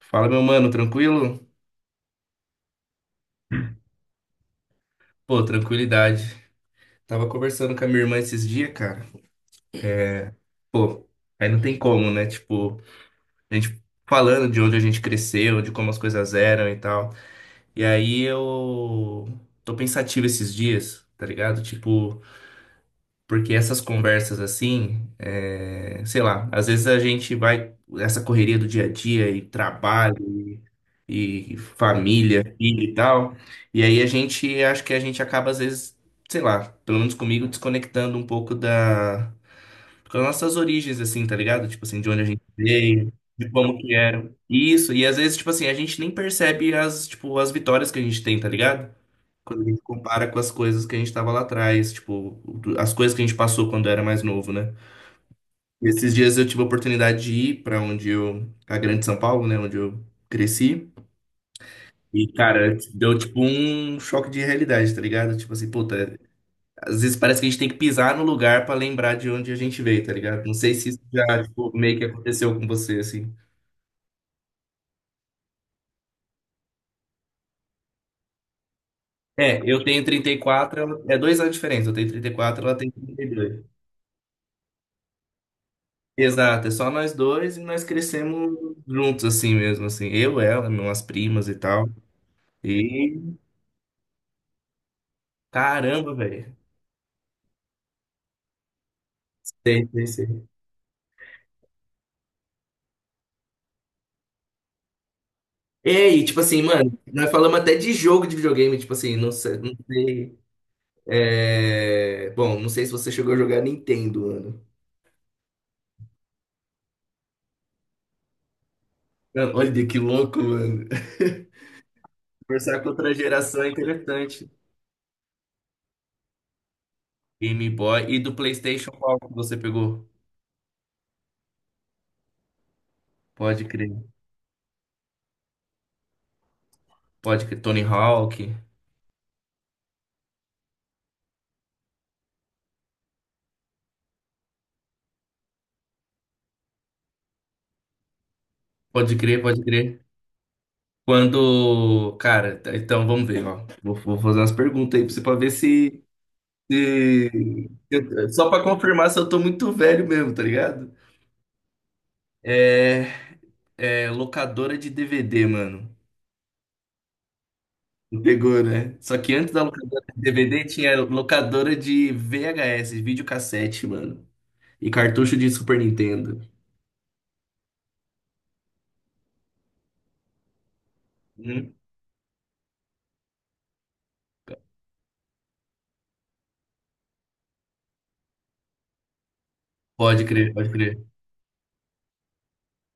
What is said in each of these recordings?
Fala, meu mano, tranquilo? Pô, tranquilidade. Tava conversando com a minha irmã esses dias, cara. Pô, aí não tem como, né? Tipo, a gente falando de onde a gente cresceu, de como as coisas eram e tal. E aí eu tô pensativo esses dias, tá ligado? Tipo, porque essas conversas assim, sei lá, às vezes a gente vai, essa correria do dia a dia e trabalho e família, filho e tal. E aí a gente, acho que a gente acaba às vezes, sei lá, pelo menos comigo, desconectando um pouco da, das nossas origens, assim, tá ligado? Tipo assim, de onde a gente veio, de como que eram. Isso, e às vezes, tipo assim, a gente nem percebe as, tipo, as vitórias que a gente tem, tá ligado? Quando a gente compara com as coisas que a gente tava lá atrás, tipo, as coisas que a gente passou quando era mais novo, né? Esses dias eu tive a oportunidade de ir pra onde eu, a Grande São Paulo, né, onde eu cresci. E, cara, deu tipo um choque de realidade, tá ligado? Tipo assim, puta, às vezes parece que a gente tem que pisar no lugar pra lembrar de onde a gente veio, tá ligado? Não sei se isso já, tipo, meio que aconteceu com você, assim. É, eu tenho 34, é 2 anos de diferença, eu tenho 34, ela tem 32. Exato, é só nós dois e nós crescemos juntos, assim mesmo, assim. Eu, ela, minhas primas e tal. E, caramba, velho. Sei, sei, sei. É, e tipo assim, mano, nós falamos até de jogo de videogame, tipo assim, não sei, não sei. É, bom, não sei se você chegou a jogar Nintendo, mano. Mano, olha que louco, mano. Conversar com outra geração é interessante. Game Boy. E do PlayStation, qual que você pegou? Pode crer. Pode crer. Tony Hawk. Pode crer, pode crer. Quando. Cara, então vamos ver, ó. Vou fazer umas perguntas aí pra você pra ver se. Só pra confirmar se eu tô muito velho mesmo, tá ligado? É. É, locadora de DVD, mano. Pegou, né? Só que antes da locadora de DVD tinha locadora de VHS, videocassete, mano. E cartucho de Super Nintendo. Hum. Pode crer, pode crer.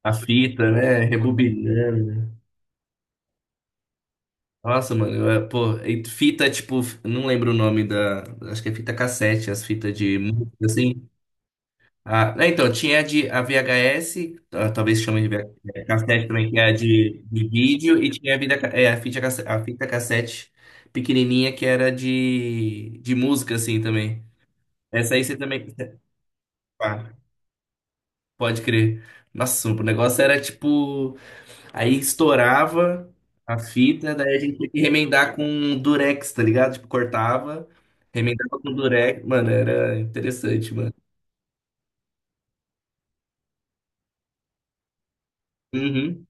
A fita, né? Rebobinando. Nossa, mano, eu, pô, e fita, tipo, não lembro o nome da. Acho que é fita cassete, as fitas de música, assim. Ah, né, então, tinha a de, a VHS, ah, talvez chamem de VH cassete também, que é a de vídeo, e tinha a, vida, a, fita, a fita cassete pequenininha, que era de música, assim, também. Essa aí você também... Ah, pode crer. Nossa, o negócio era, tipo... Aí estourava a fita, daí a gente tinha que remendar com durex, tá ligado? Tipo, cortava, remendava com durex. Mano, era interessante, mano. Uhum.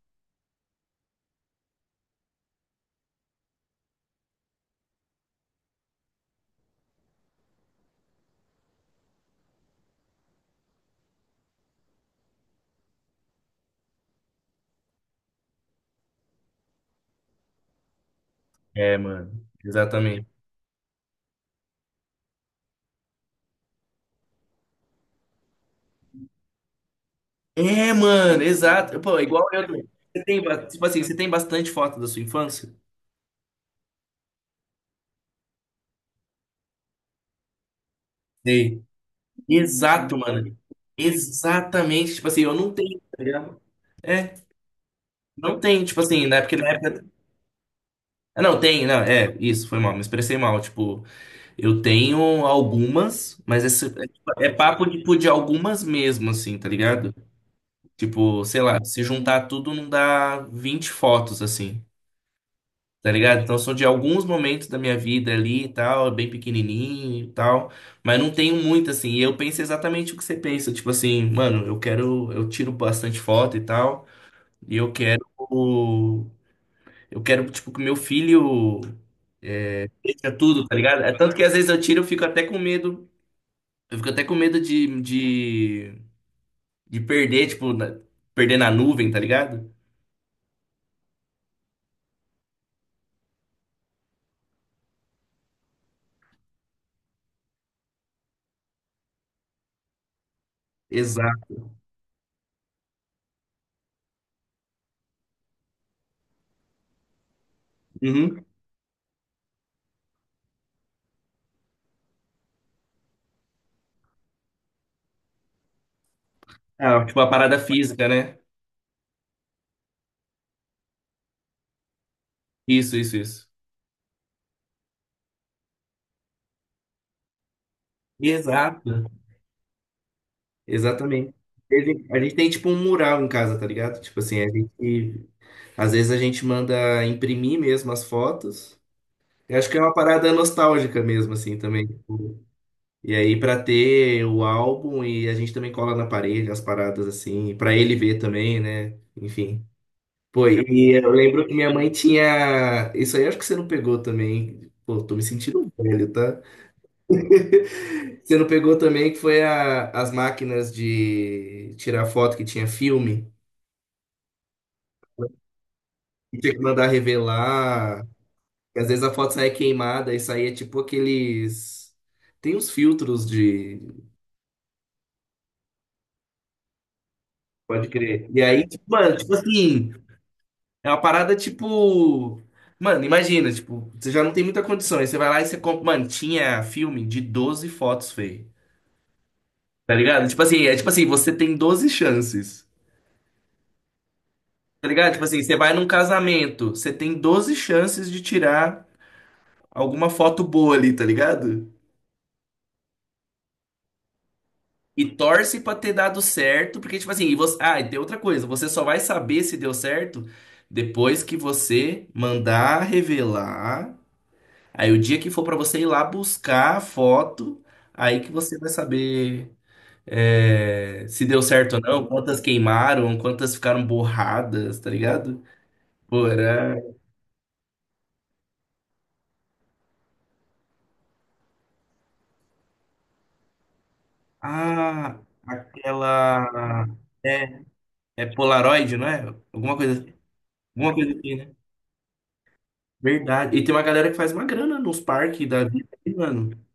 É, mano, exatamente. É, mano, exato. Pô, igual eu também. Você tem, tipo assim, você tem bastante foto da sua infância? Sei. Exato, mano. Exatamente. Tipo assim, eu não tenho, tá ligado? É, não tem, tipo assim, na época... Ah, não, tem, não, é, isso, foi mal, me expressei mal, tipo, eu tenho algumas, mas é, tipo, é papo, tipo, de algumas mesmo, assim, tá ligado? Tipo, sei lá, se juntar tudo não dá 20 fotos, assim. Tá ligado? Então são de alguns momentos da minha vida ali e tal, bem pequenininho e tal, mas não tenho muito assim. E eu penso exatamente o que você pensa, tipo assim, mano, eu quero, eu tiro bastante foto e tal, e eu quero tipo que meu filho veja tudo, tá ligado? É tanto que às vezes eu tiro, eu fico até com medo, eu fico até com medo de perder, tipo, perder na nuvem, tá ligado? Exato. Uhum. Ah, tipo a parada física, né? Isso, isso, isso. Exato. Exatamente. A gente tem tipo um mural em casa, tá ligado? Tipo assim, a gente, às vezes a gente manda imprimir mesmo as fotos. Eu acho que é uma parada nostálgica mesmo, assim, também. Tipo. E aí, pra ter o álbum, e a gente também cola na parede as paradas, assim, pra ele ver também, né? Enfim. Pô, e eu lembro que minha mãe tinha. Isso aí acho que você não pegou também. Pô, tô me sentindo velho, tá? Você não pegou também que foi as máquinas de tirar foto que tinha filme. E tinha que mandar revelar. E às vezes a foto saía queimada e saía tipo aqueles. Tem uns filtros de. Pode crer. E aí, tipo, mano, tipo assim, é uma parada tipo. Mano, imagina, tipo, você já não tem muita condição. Aí você vai lá e você compra. Mano, tinha filme de 12 fotos, feio. Tá ligado? Tipo assim, é tipo assim, você tem 12 chances. Tá ligado? Tipo assim, você vai num casamento, você tem 12 chances de tirar alguma foto boa ali, tá ligado? E torce pra ter dado certo, porque, tipo assim, e você... ah, e tem outra coisa, você só vai saber se deu certo depois que você mandar revelar. Aí o dia que for pra você ir lá buscar a foto, aí que você vai saber, é, se deu certo ou não, quantas queimaram, quantas ficaram borradas, tá ligado? Pô, era. Ah, aquela. É, é Polaroid, não é? Alguma coisa, alguma coisa assim. Verdade. E tem uma galera que faz uma grana nos parques da vida, aí, mano.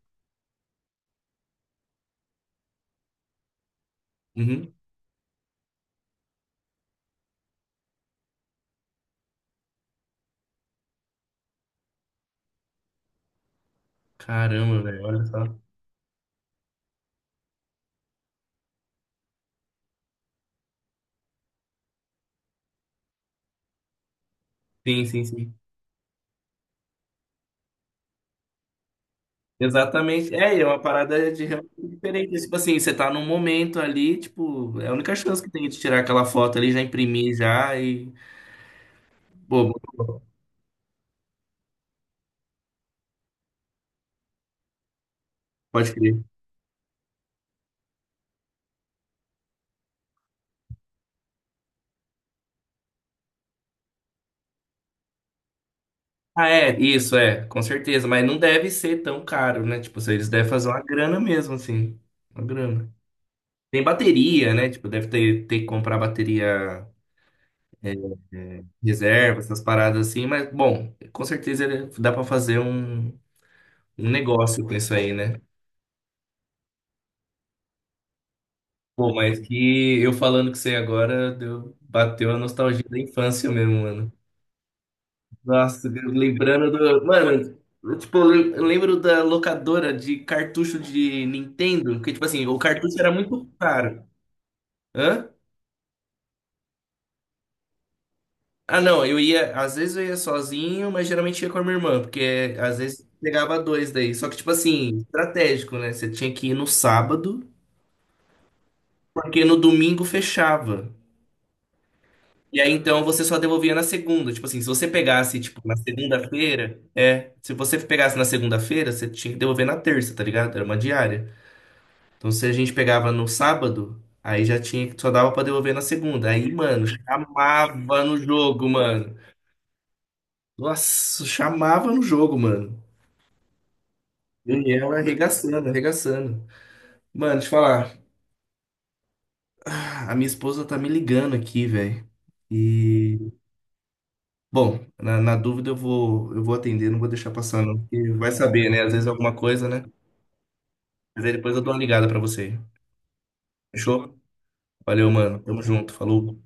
Uhum. Caramba, velho, olha só. Sim, sim, sim. Exatamente. É, e é uma parada de realmente diferente. Tipo assim, você tá num momento ali, tipo, é a única chance que tem de tirar aquela foto ali, já imprimir já e. Pô, pode crer. Ah, é, isso, é, com certeza. Mas não deve ser tão caro, né? Tipo, se eles devem fazer uma grana mesmo, assim. Uma grana. Tem bateria, né? Tipo, deve ter que comprar bateria é, é, reserva, essas paradas assim, mas bom, com certeza dá pra fazer um, um negócio com isso aí, né? Pô, mas que eu falando que você agora, deu, bateu a nostalgia da infância mesmo, mano. Nossa, lembrando do. Mano, eu, tipo, eu lembro da locadora de cartucho de Nintendo, que, tipo assim, o cartucho era muito caro. Hã? Ah, não, eu ia, às vezes eu ia sozinho, mas geralmente ia com a minha irmã, porque às vezes pegava dois daí. Só que, tipo assim, estratégico, né? Você tinha que ir no sábado, porque no domingo fechava. E aí então você só devolvia na segunda. Tipo assim, se você pegasse, tipo, na segunda-feira, é. Se você pegasse na segunda-feira, você tinha que devolver na terça, tá ligado? Era uma diária. Então se a gente pegava no sábado, aí já tinha que, só dava pra devolver na segunda. Aí, mano, chamava no jogo, mano. Nossa, chamava no jogo, mano. Daniel arregaçando, arregaçando. Mano, deixa eu falar. Ah, a minha esposa tá me ligando aqui, velho. E, bom, na dúvida eu vou atender, não vou deixar passar, não. Porque vai saber, né? Às vezes é alguma coisa, né? Mas aí depois eu dou uma ligada pra você. Fechou? Valeu, mano. Tamo junto. Falou.